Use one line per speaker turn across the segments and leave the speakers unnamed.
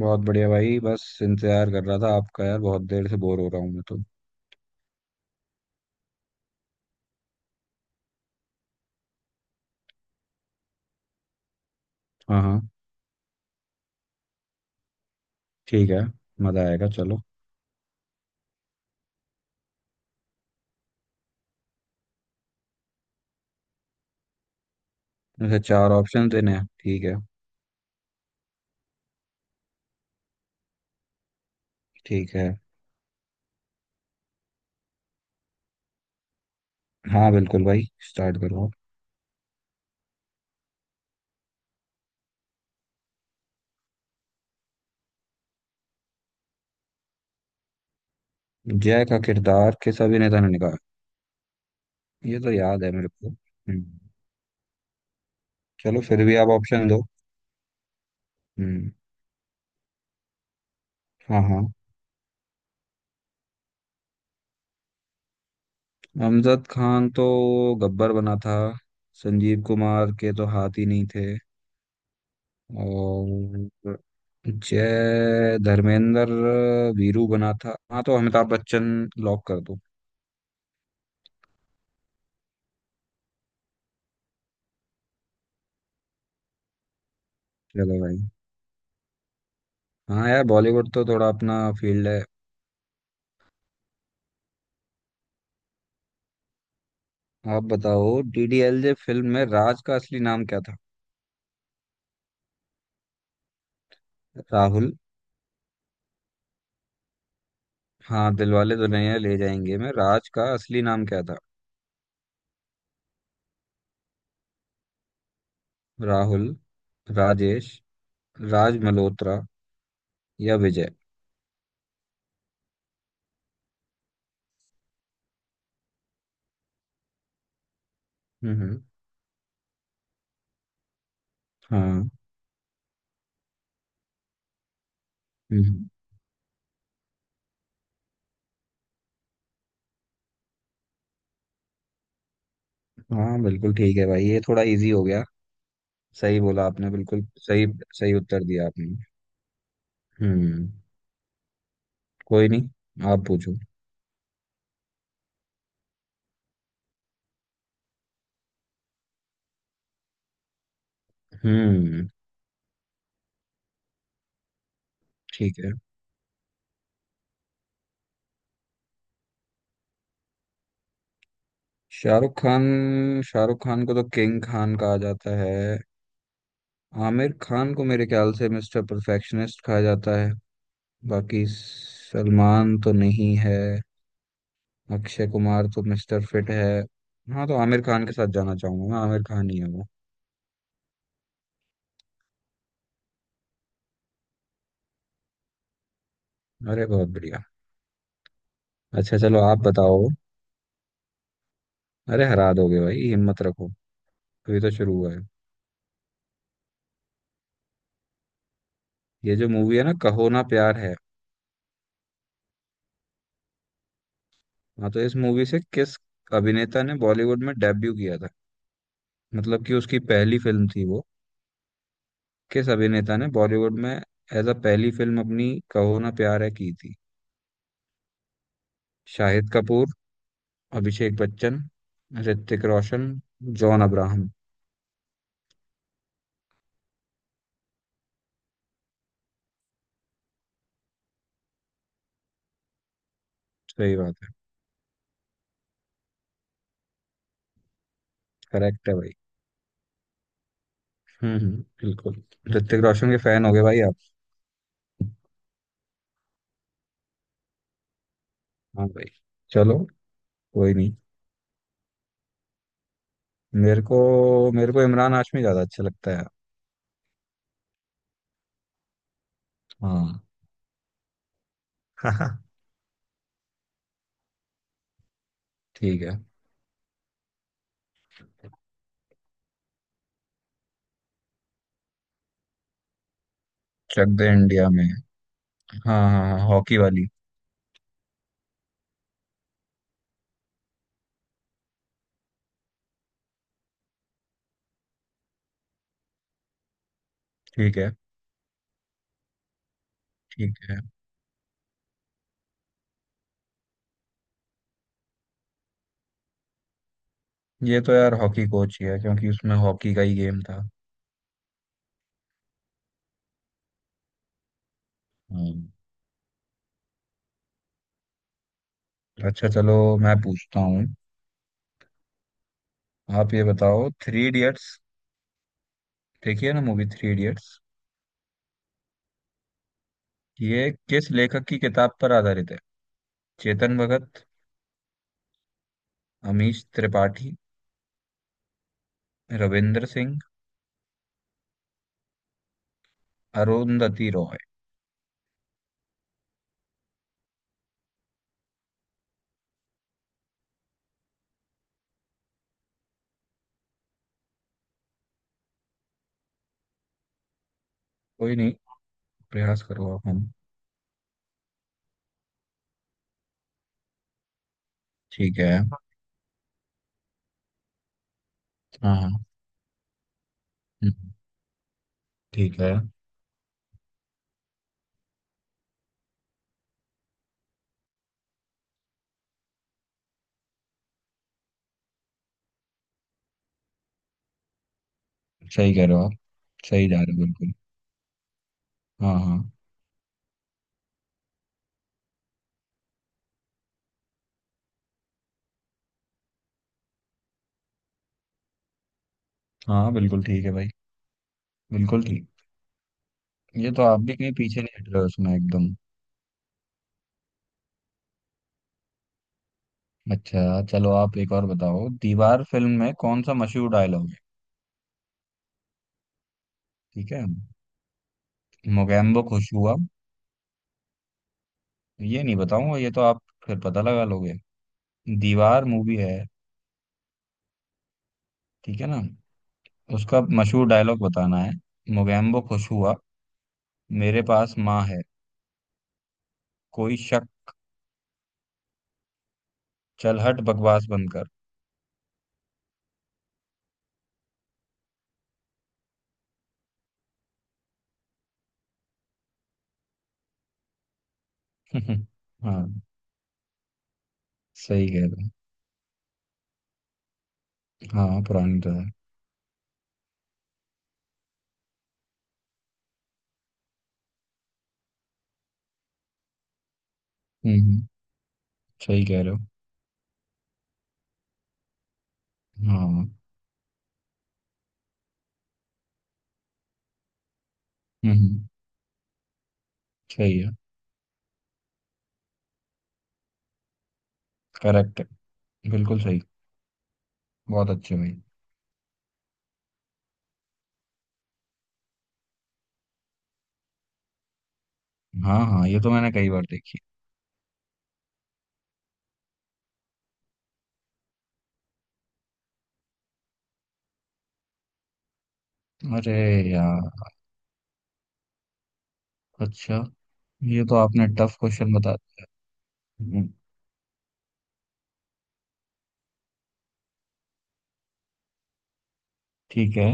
बहुत बढ़िया भाई। बस इंतजार कर रहा था आपका यार। बहुत देर से बोर हो रहा हूँ मैं तो। हाँ हाँ। ठीक है। मजा आएगा, चलो। वैसे चार ऑप्शन देने हैं, ठीक है। ठीक है। हाँ बिल्कुल भाई। स्टार्ट करो आप। जय का किरदार किस अभिनेता ने निभाया? ये तो याद है मेरे को। चलो फिर भी आप ऑप्शन दो। हम्म। हाँ हाँ। अमजद खान तो गब्बर बना था। संजीव कुमार के तो हाथ ही नहीं थे। और जय धर्मेंद्र। वीरू बना था, हाँ। तो अमिताभ बच्चन लॉक कर दो। चलो भाई। हाँ यार, बॉलीवुड तो थोड़ा अपना फील्ड है। आप बताओ, डीडीएलजे फिल्म में राज का असली नाम क्या था? राहुल। हाँ, दिलवाले दुल्हनिया ले जाएंगे में राज का असली नाम क्या था। राहुल, राजेश, राज मल्होत्रा या विजय। हम्म। हाँ। हम्म। हाँ बिल्कुल ठीक है भाई। ये थोड़ा इजी हो गया। सही बोला आपने, बिल्कुल सही। सही उत्तर दिया आपने। हम्म। कोई नहीं, आप पूछो। हम्म। ठीक है। शाहरुख खान। शाहरुख खान को तो किंग खान कहा जाता है। आमिर खान को मेरे ख्याल से मिस्टर परफेक्शनिस्ट कहा जाता है। बाकी सलमान तो नहीं है। अक्षय कुमार तो मिस्टर फिट है। हाँ, तो आमिर खान के साथ जाना चाहूंगा मैं। आमिर खान ही है वो। अरे बहुत बढ़िया। अच्छा चलो, आप बताओ। अरे हरा दोगे भाई, हिम्मत रखो। अभी तो शुरू हुआ है। ये जो मूवी है ना, कहो ना प्यार है। हाँ, तो इस मूवी से किस अभिनेता ने बॉलीवुड में डेब्यू किया था? मतलब कि उसकी पहली फिल्म थी वो। किस अभिनेता ने बॉलीवुड में एज अ पहली फिल्म अपनी कहो ना प्यार है की थी? शाहिद कपूर, अभिषेक बच्चन, ऋतिक रोशन, जॉन अब्राहम। सही बात है। करेक्ट है भाई। बिल्कुल। ऋतिक रोशन के फैन हो गए भाई आप। हाँ भाई। चलो। कोई नहीं, मेरे को मेरे को इमरान हाशमी ज्यादा अच्छा लगता है। हाँ। ठीक है। चक दे इंडिया में। हाँ हाँ हाँ, हॉकी वाली। ठीक है। ठीक है। ये तो यार हॉकी कोच ही है, क्योंकि उसमें हॉकी का ही गेम था। हम्म। अच्छा चलो, मैं पूछता हूँ। आप ये बताओ, थ्री इडियट्स। देखिए ना मूवी, थ्री इडियट्स। ये किस लेखक की किताब पर आधारित है? चेतन भगत, अमीश त्रिपाठी, रविंद्र सिंह, अरुंधति रॉय। कोई नहीं, प्रयास करो आप हम। ठीक है। हाँ हाँ। हम्म, ठीक है। सही कह रहे हो आप। सही जा रहे हो बिल्कुल। हाँ हाँ। हाँ बिल्कुल ठीक है भाई, बिल्कुल ठीक। ये तो आप भी कहीं पीछे नहीं हट रहे हो उसमें, एकदम। अच्छा चलो, आप एक और बताओ। दीवार फिल्म में कौन सा मशहूर डायलॉग है? ठीक है। मोगैम्बो खुश हुआ, ये नहीं बताऊंगा, ये तो आप फिर पता लगा लोगे। दीवार मूवी है, ठीक है ना। उसका मशहूर डायलॉग बताना है। मोगैम्बो खुश हुआ, मेरे पास माँ है, कोई शक, चल हट बकवास बंद कर। हाँ, सही कह रहे हो। हाँ पुरानी तो है। हम्म हम्म, सही कह रहे हो। हाँ। हम्म, सही है। करेक्ट है, बिल्कुल सही। बहुत अच्छी हुई। हाँ हाँ, ये तो मैंने कई बार देखी। अरे यार। अच्छा, ये तो आपने टफ क्वेश्चन बता दिया। हम्म, ठीक है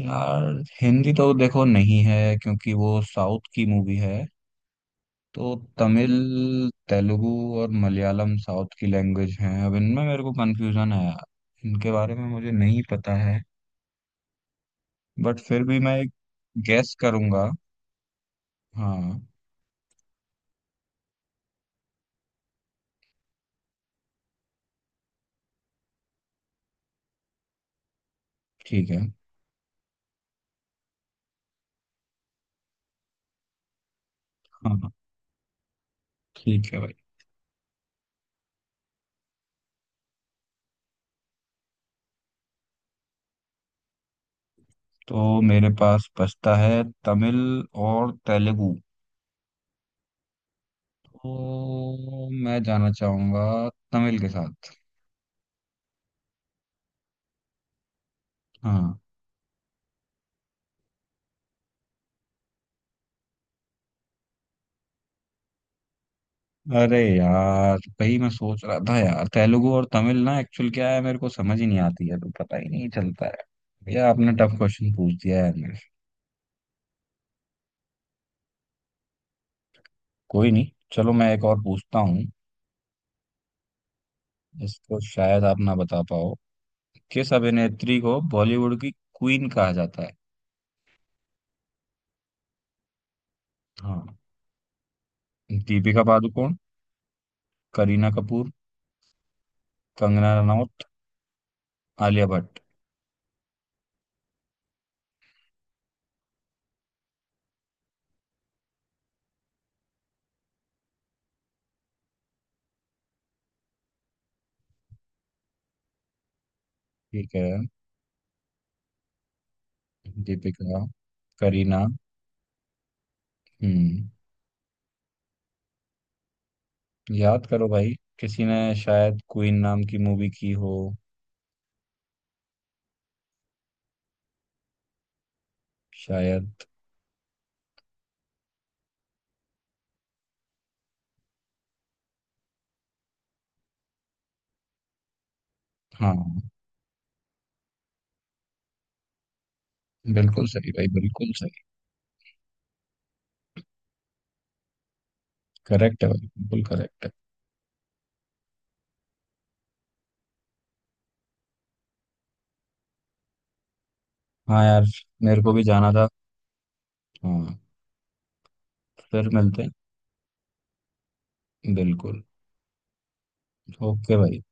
यार। हिंदी तो देखो नहीं है, क्योंकि वो साउथ की मूवी है। तो तमिल, तेलुगु और मलयालम साउथ की लैंग्वेज हैं। अब इनमें मेरे को कंफ्यूजन है यार, इनके बारे में मुझे नहीं पता है। बट फिर भी मैं एक गैस करूंगा। हाँ। ठीक है। हाँ हाँ, ठीक है भाई। तो मेरे पास बचता है तमिल और तेलुगु। तो मैं जाना चाहूंगा तमिल के साथ। हाँ। अरे यार, वही मैं सोच रहा था यार, तेलुगु और तमिल ना एक्चुअल क्या है मेरे को समझ ही नहीं आती है, तो पता ही नहीं चलता है। भैया आपने टफ क्वेश्चन पूछ दिया है मेरे। कोई नहीं, चलो मैं एक और पूछता हूँ। इसको शायद आप ना बता पाओ। किस अभिनेत्री को बॉलीवुड की क्वीन कहा जाता है? हाँ। दीपिका पादुकोण, करीना कपूर, कंगना रनौत, आलिया भट्ट। ठीक है। दीपिका। करीना। हम्म। याद करो भाई, किसी ने शायद क्वीन नाम की मूवी की हो। शायद। हाँ बिल्कुल सही भाई, बिल्कुल सही। करेक्ट है भाई, बिल्कुल करेक्ट है। हाँ यार, मेरे को भी जाना था। हाँ। फिर मिलते हैं, बिल्कुल। ओके भाई।